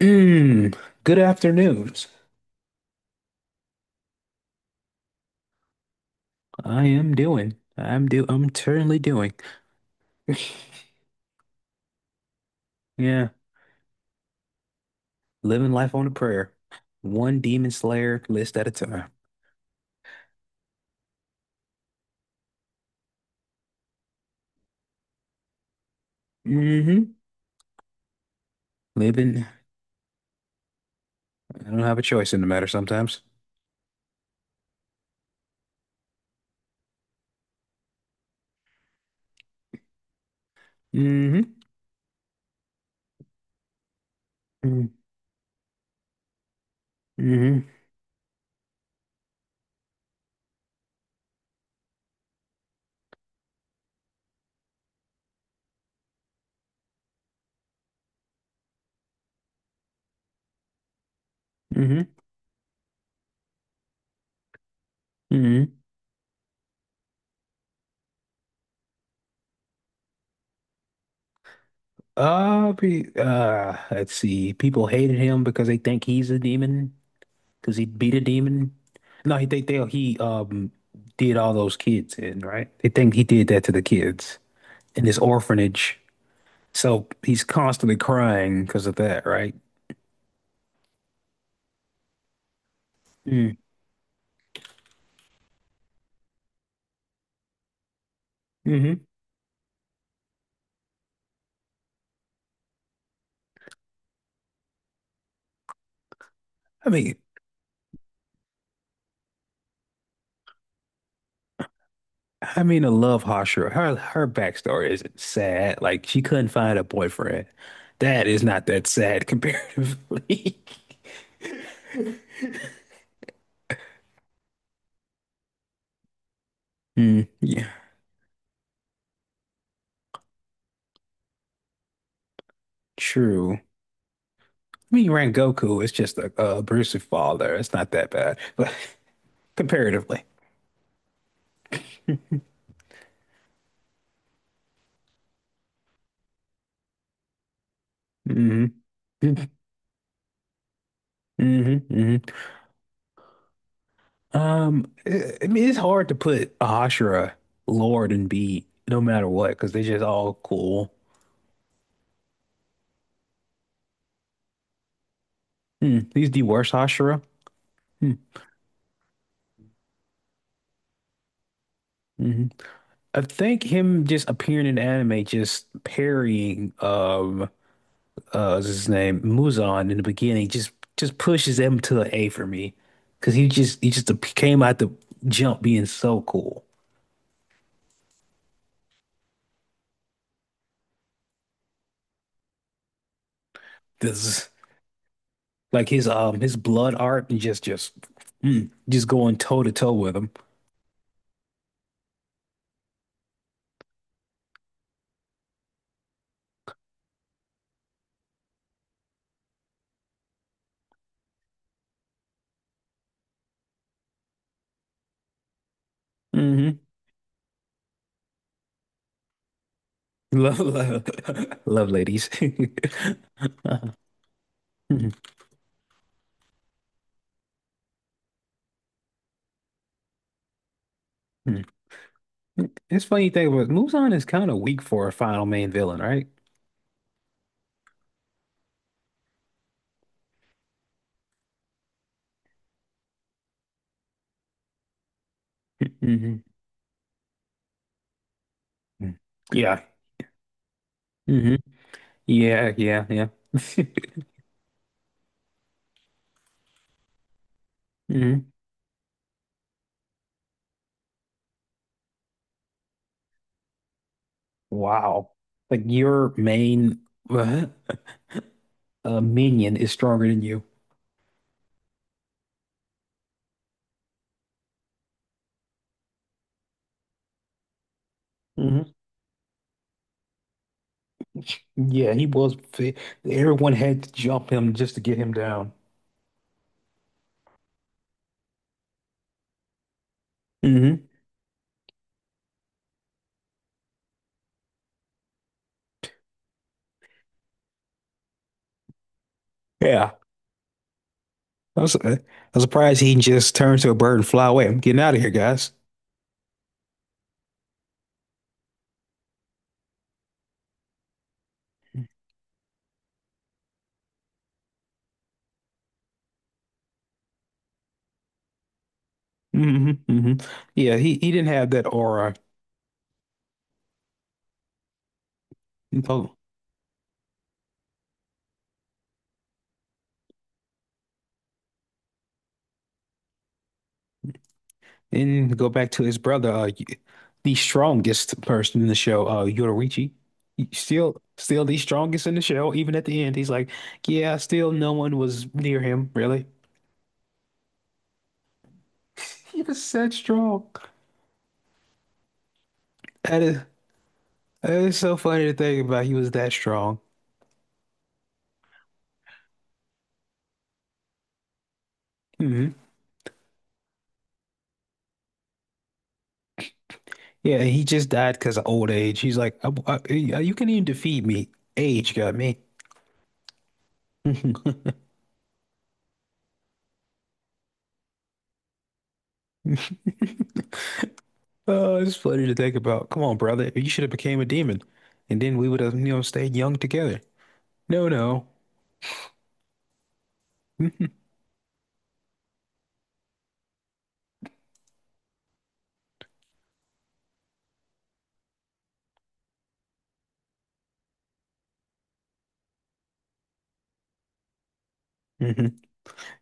Mm, Good afternoons. I am doing. I'm do. I'm currently doing. Yeah, living life on a prayer, one demon slayer list at a time. Mm-hmm. Living. I don't have a choice in the matter sometimes. Mm-hmm. Mm-hmm. Mm-hmm. Mm-hmm. Let's see. People hated him because they think he's a demon. Because he beat a demon. No, he they he did all those kids in, right? They think he did that to the kids in this orphanage. So he's constantly crying because of that, right? Mm. hmm I mean, I mean, I love Hashira. Her backstory isn't sad. Like she couldn't find a boyfriend. That is not that sad comparatively. Yeah, true. I mean, Goku is just a abusive father. It's not that bad, but comparatively. hmm hmm hmm I mean, it's hard to put Ahashura, Lord, and B no matter what because they're just all cool. Hmm. He's the worst Ahashura. Hmm. hmm I think him just appearing in anime, just parrying what's his name, Muzan in the beginning, just pushes him to an A for me because he just came out the jump being so cool. This Like his blood art and just just going toe to toe with him. hmm Love, love, love ladies. Uh, mhm, mhm. It's funny you think about it. Muzan is kind of weak for a final main villain, right? hmm Yeah. hmm Yeah, yeah, yeah. hmm Wow. Like your main uh, minion is stronger than you. hmm Yeah, he was. Everyone had to jump him just to get him down. Yeah. I was, uh, I'm surprised he just turned to a bird and fly away. I'm getting out of here, guys. hmm hmm Yeah, he didn't have that aura. Oh, and go back to his brother, the strongest person in the show, Yoruichi. Still the strongest in the show. Even at the end, he's like, "Yeah, still no one was near him, really." He was that strong. That is, that is so funny to think about. He was that strong. Mm-hmm. Yeah, he just died because of old age. He's like, you can even defeat me. Age got me. Oh, it's funny to think about. Come on, brother. You should have became a demon. And then we would have stayed young together. No, no. hmm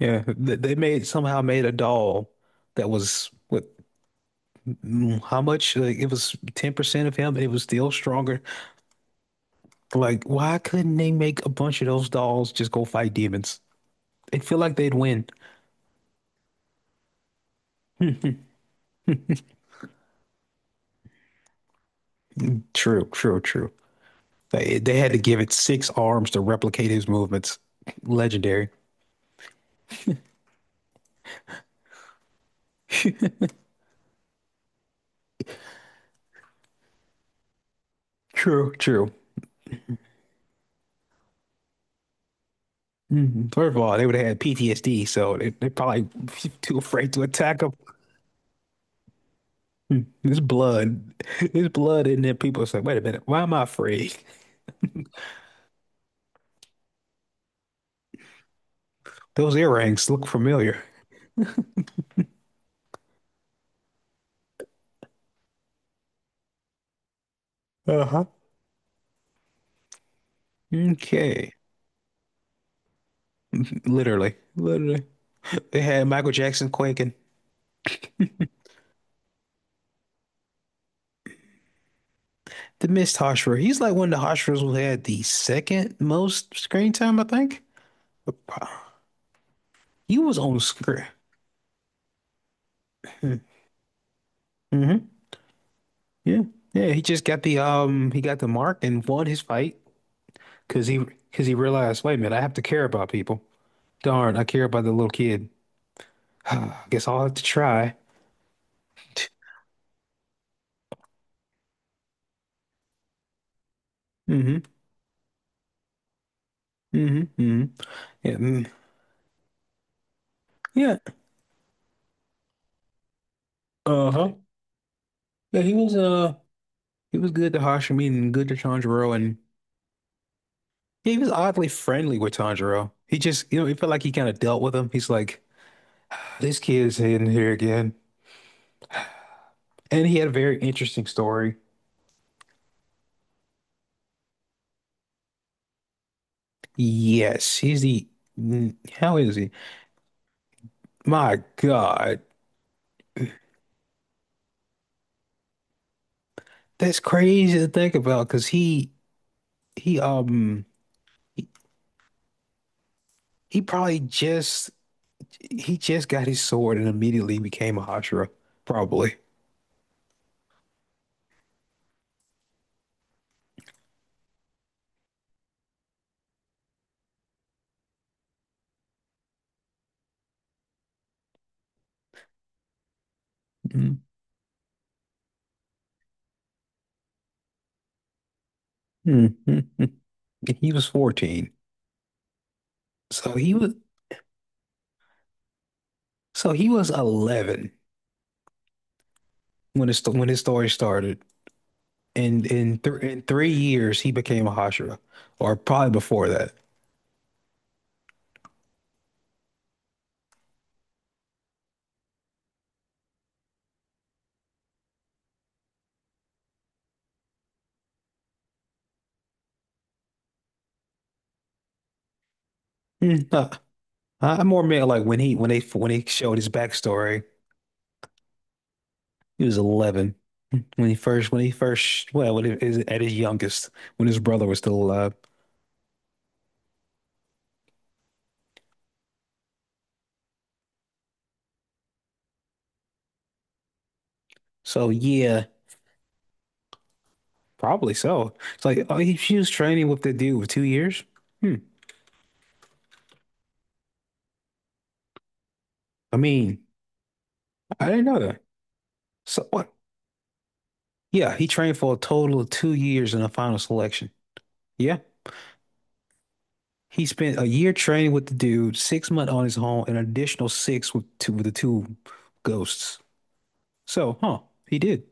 Yeah, they made somehow made a doll that was what? How much? Like it was 10% of him, and it was still stronger. Like, why couldn't they make a bunch of those dolls just go fight demons? They feel like they'd win. True, true, true. They had to give it six arms to replicate his movements. Legendary. True, true. Mhm. First of all, they would have had PTSD, so they're probably too afraid to attack him. His blood, his blood, and then people say, "Wait a minute, why am I afraid? Those earrings look familiar." Uh-huh. Okay, literally, they had Michael Jackson quaking. The missed Hashira. He's like one of the Hashiras who had the second most screen time, I think. He was on screen. Mm-hmm. Yeah. Yeah, he just got the mark and won his fight because he realized, wait a minute, I have to care about people. Darn, I care about the little kid. I guess I'll have to try. Mm-hmm. Mm-hmm. Mm-hmm. Yeah. Mm. Yeah. Uh-huh. Yeah, he was good to Hashime and good to Tanjiro and yeah, he was oddly friendly with Tanjiro. He just. It felt like he kind of dealt with him. He's like, this kid is in here again. And he had a very interesting story. Yes, how is he? My God, that's crazy to think about because he um he, he probably just got his sword and immediately became a Hashira, probably. Mm. Mm, mm, mm. He was 14. So he was so he was 11 when his story started. And in 3 years he became a Hashira, or probably before that. Mm, uh, I more meant like when they showed his backstory. He was 11 when he first, well, when it is at his youngest, when his brother was still alive. So yeah, probably so. It's like oh, she was training with the dude for 2 years. Hmm. I mean, I didn't know that. So what? Yeah, he trained for a total of 2 years in the final selection. Yeah, he spent a year training with the dude, 6 months on his own, and an additional six with the two ghosts. So, huh? He did.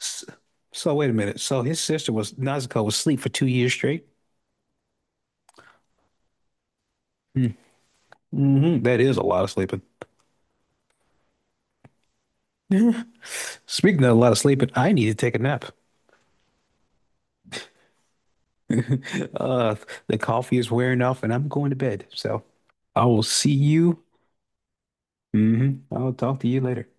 S- So, wait a minute. So his sister was Nezuko was asleep for 2 years straight. Mhm. That is a lot of sleeping. Speaking of a lot of sleeping, I need to take a nap. Uh, the coffee is wearing off and I'm going to bed. So I will see you. I'll talk to you later.